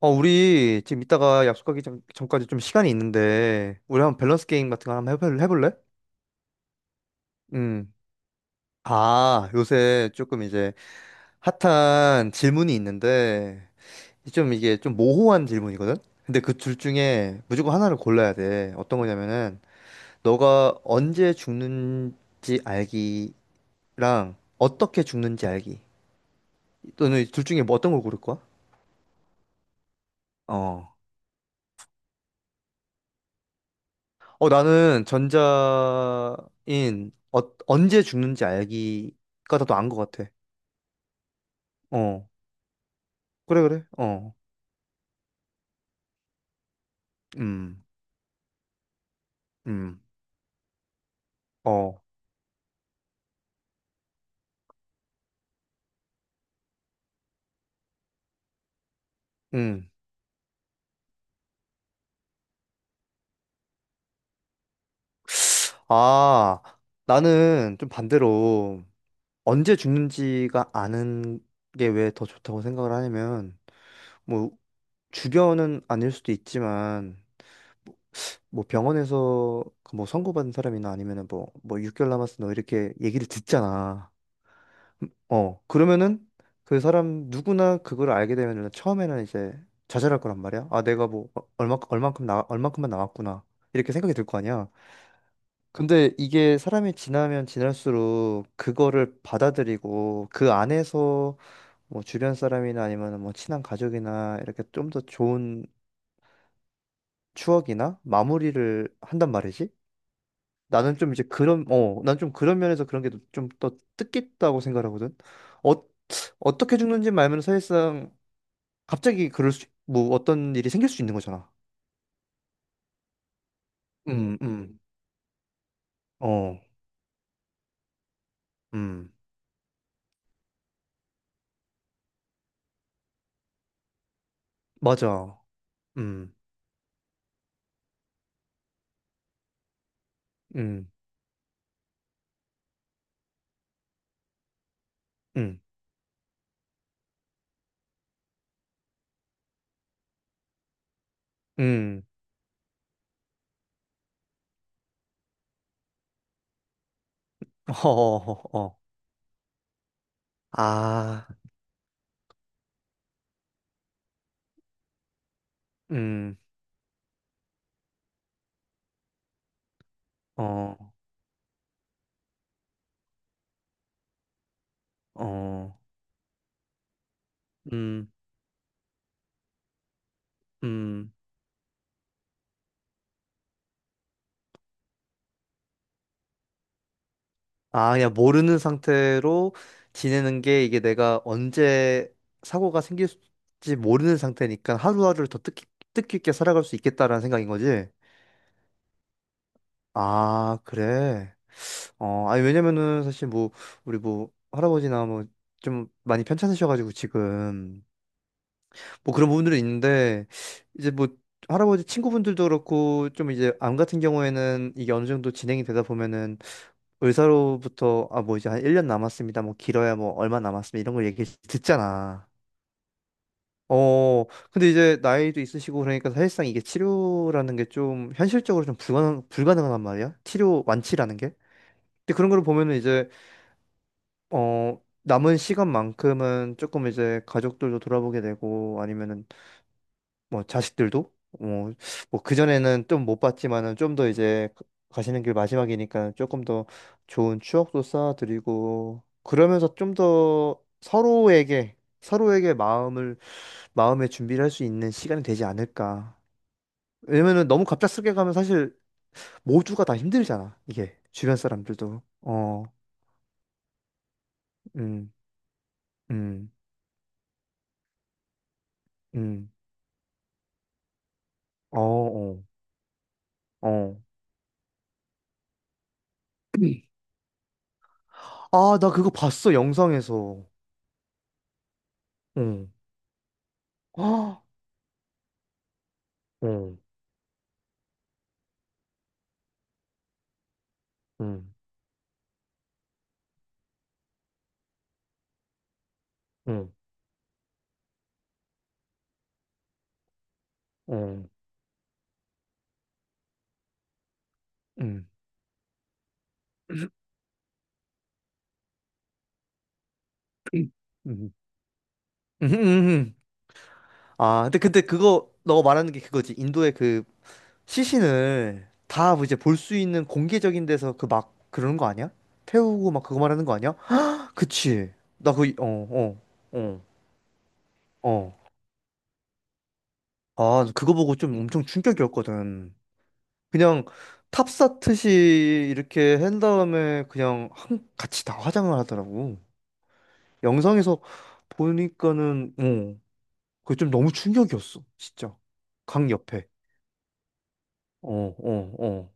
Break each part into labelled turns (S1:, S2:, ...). S1: 우리 지금 이따가 약속하기 전, 전까지 좀 시간이 있는데, 우리 한번 밸런스 게임 같은 거 한번 해볼래? 음. 아, 요새 조금 이제 핫한 질문이 있는데, 좀 이게 좀 모호한 질문이거든? 근데 그 둘 중에 무조건 하나를 골라야 돼. 어떤 거냐면은, 너가 언제 죽는지 알기랑 어떻게 죽는지 알기. 또는 둘 중에 뭐 어떤 걸 고를 거야? 어. 어, 나는 전자인 언제 죽는지 알기가 더 나은 것 같아. 어, 그래, 그래. 어, 음, 음, 어, 음. 아, 나는 좀 반대로 언제 죽는지가 아는 게 왜 더 좋다고 생각을 하냐면, 뭐, 주변은 아닐 수도 있지만, 뭐 병원에서 그뭐 선고받은 사람이나 아니면은 뭐 6개월 남았어 너 이렇게 얘기를 듣잖아. 그러면은 그 사람 누구나 그걸 알게 되면은 처음에는 이제 좌절할 거란 말이야. 아, 내가 뭐 얼마 얼만큼 나 얼만큼만 나왔구나. 이렇게 생각이 들 거 아니야. 근데 이게 사람이 지나면 지날수록 그거를 받아들이고 그 안에서 뭐 주변 사람이나 아니면 뭐 친한 가족이나 이렇게 좀 더 좋은 추억이나 마무리를 한단 말이지. 나는 좀 이제 난 좀 그런 면에서 그런 게 좀 더 뜻깊다고 생각하거든. 어, 어떻게 죽는지 말면 사실상 갑자기 뭐 어떤 일이 생길 수 있는 거잖아. 음, 음, 어, 음, 맞아. 음, 음, 음, 음, 어, 어, 어, 어. 아, 음, 어, 어, 음, 음. 아, 그냥 모르는 상태로 지내는 게 이게 내가 언제 사고가 생길지 모르는 상태니까 하루하루를 더 뜻깊게 살아갈 수 있겠다라는 생각인 거지? 아, 그래. 어, 아니, 왜냐면은 사실 뭐, 우리 뭐, 할아버지나 뭐, 좀 많이 편찮으셔가지고 지금. 뭐 그런 부분들은 있는데 이제 뭐 할아버지 친구분들도 그렇고 좀 이제 암 같은 경우에는 이게 어느 정도 진행이 되다 보면은 의사로부터 아 뭐 이제 한 1년 남았습니다. 뭐 길어야 뭐 얼마 남았습니다. 이런 걸 얘기 듣잖아. 어 근데 이제 나이도 있으시고 그러니까 사실상 이게 치료라는 게 좀 현실적으로 좀 불가능한 말이야. 치료 완치라는 게. 근데 그런 걸 보면은 이제 어 남은 시간만큼은 조금 이제 가족들도 돌아보게 되고 아니면은 뭐 자식들도 뭐, 뭐 그전에는 좀 못 봤지만은 좀 더 이제 가시는 길 마지막이니까 조금 더 좋은 추억도 쌓아드리고 그러면서 좀 더 서로에게 마음을 마음의 준비를 할 수 있는 시간이 되지 않을까. 왜냐면은 너무 갑작스럽게 가면 사실 모두가 다 힘들잖아. 이게 주변 사람들도 음, 음, 음, 어, 어, 어. 아, 나 그거 봤어 영상에서. 응. 아, 어. 음, 음, 음, 음, 음, 음, 음. 아, 근데 그거 너가 말하는 게 그거지. 인도의 그 시신을 다 이제 볼 수 있는 공개적인 데서 그 막 그러는 거 아니야? 태우고 막 그거 말하는 거 아니야? 그치. 나 그, 어, 어, 어, 어. 아, 그거 보고 좀 엄청 충격이었거든. 그냥 탑사트시 이렇게 한 다음에 그냥 한, 같이 다 화장을 하더라고. 영상에서 보니까는, 어. 그게 좀 너무 충격이었어, 진짜. 강 옆에. 어, 어, 어.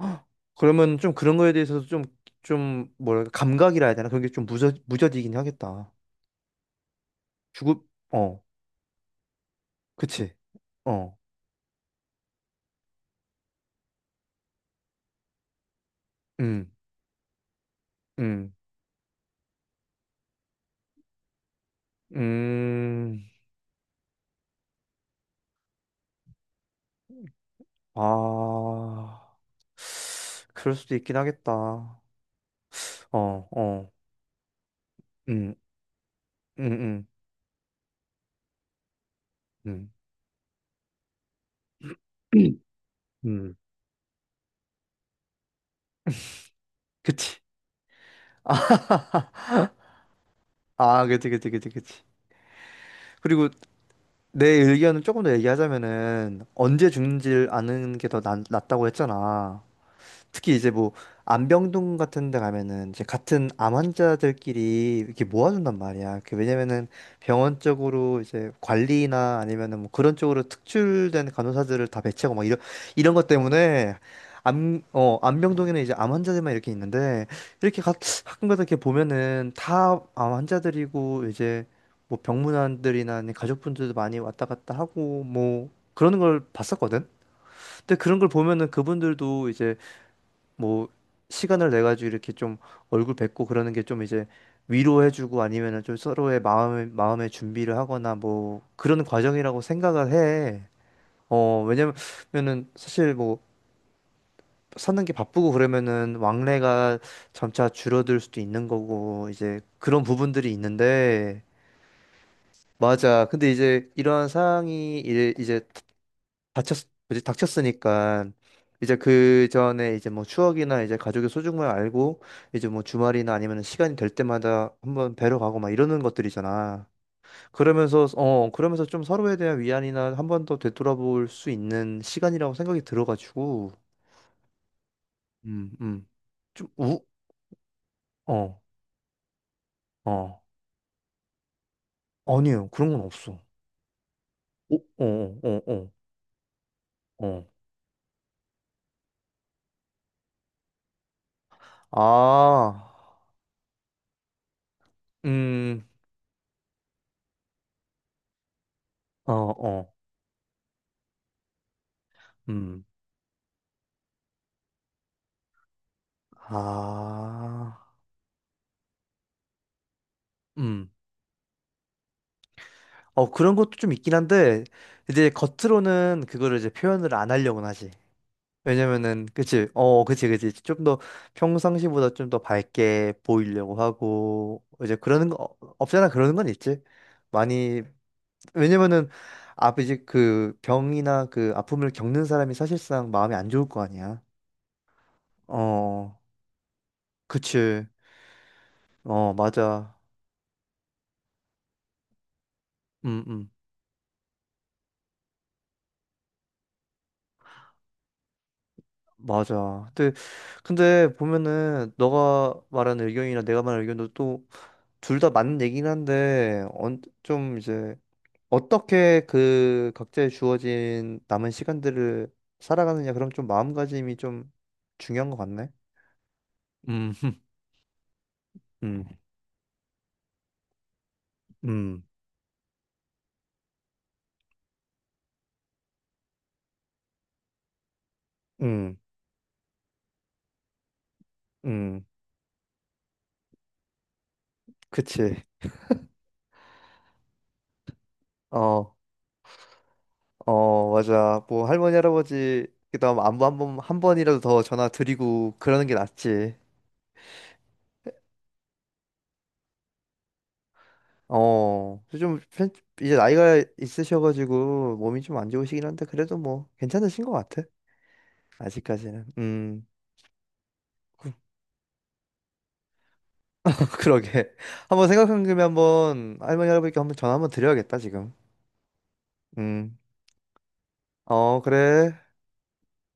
S1: 헉, 그러면 좀 그런 거에 대해서도 좀, 뭐랄까, 감각이라 해야 되나? 그런 게 좀 무뎌지긴 하겠다. 죽음, 어, 그치. 어, 음, 음, 음, 아, 그럴 수도 있긴 하겠다. 어, 음, 음, 음, 음, 음, 그치. 아, 그치. 그리고 내 의견을 조금 더 얘기하자면은 언제 죽는지를 아는 게 더 낫다고 했잖아. 특히 이제 뭐 안병동 같은 데 가면은 이제 같은 암 환자들끼리 이렇게 모아준단 말이야. 그 왜냐면은 병원 쪽으로 이제 관리나 아니면은 뭐 그런 쪽으로 특출된 간호사들을 다 배치하고 막 이런 것 때문에 안병동에는 이제 암 환자들만 이렇게 있는데 이렇게 가, 가끔가다 이렇게 보면은 다 암 환자들이고 이제 뭐 병문안들이나 아니면 가족분들도 많이 왔다 갔다 하고 뭐 그러는 걸 봤었거든. 근데 그런 걸 보면은 그분들도 이제 뭐 시간을 내 가지고 이렇게 좀 얼굴 뵙고 그러는 게 좀 이제 위로해주고 아니면은 좀 서로의 마음의 준비를 하거나 뭐 그런 과정이라고 생각을 해. 어, 왜냐면은 사실 뭐 사는 게 바쁘고 그러면은 왕래가 점차 줄어들 수도 있는 거고 이제 그런 부분들이 있는데 맞아. 근데 이제 이러한 상황이 이제 닥쳤으니까 이제 그 전에 이제 뭐 추억이나 이제 가족의 소중함을 알고 이제 뭐 주말이나 아니면 시간이 될 때마다 한번 뵈러 가고 막 이러는 것들이잖아. 그러면서 좀 서로에 대한 위안이나 한번 더 되돌아볼 수 있는 시간이라고 생각이 들어가지고 음, 음. 좀 우, 어, 어. 아니에요. 그런 건 없어. 오, 어, 어, 어, 어. 어. 아, 음, 어, 어, 음. 아, 음. 어, 그런 것도 좀 있긴 한데, 이제 겉으로는 그거를 이제 표현을 안 하려고는 하지. 왜냐면은, 그치. 좀 더 평상시보다 좀 더 밝게 보이려고 하고, 이제 그러는 거, 어, 없잖아, 그러는 건 있지. 많이, 왜냐면은, 앞 이제 그 병이나 그 아픔을 겪는 사람이 사실상 마음이 안 좋을 거 아니야. 어, 그치. 맞아. 음, 음, 맞아. 근데 보면은 너가 말한 의견이나 내가 말한 의견도 또 둘 다 맞는 얘기긴 한데 좀 이제 어떻게 그 각자의 주어진 남은 시간들을 살아가느냐 그럼 좀 마음가짐이 좀 중요한 것 같네. 흠. 음, 음, 음, 음, 그치. 어, 맞아. 뭐 할머니 할아버지 그다음 안부 한번 한 번이라도 더 전화 드리고 그러는 게 낫지. 어, 좀 편- 이제 나이가 있으셔가지고 몸이 좀 안 좋으시긴 한데 그래도 뭐 괜찮으신 것 같아. 아직까지는. 음. 그러게. 한번 생각한 김에 한번 할머니 할아버지께 한번 전화 한번 드려야겠다, 지금. 음. 어, 그래.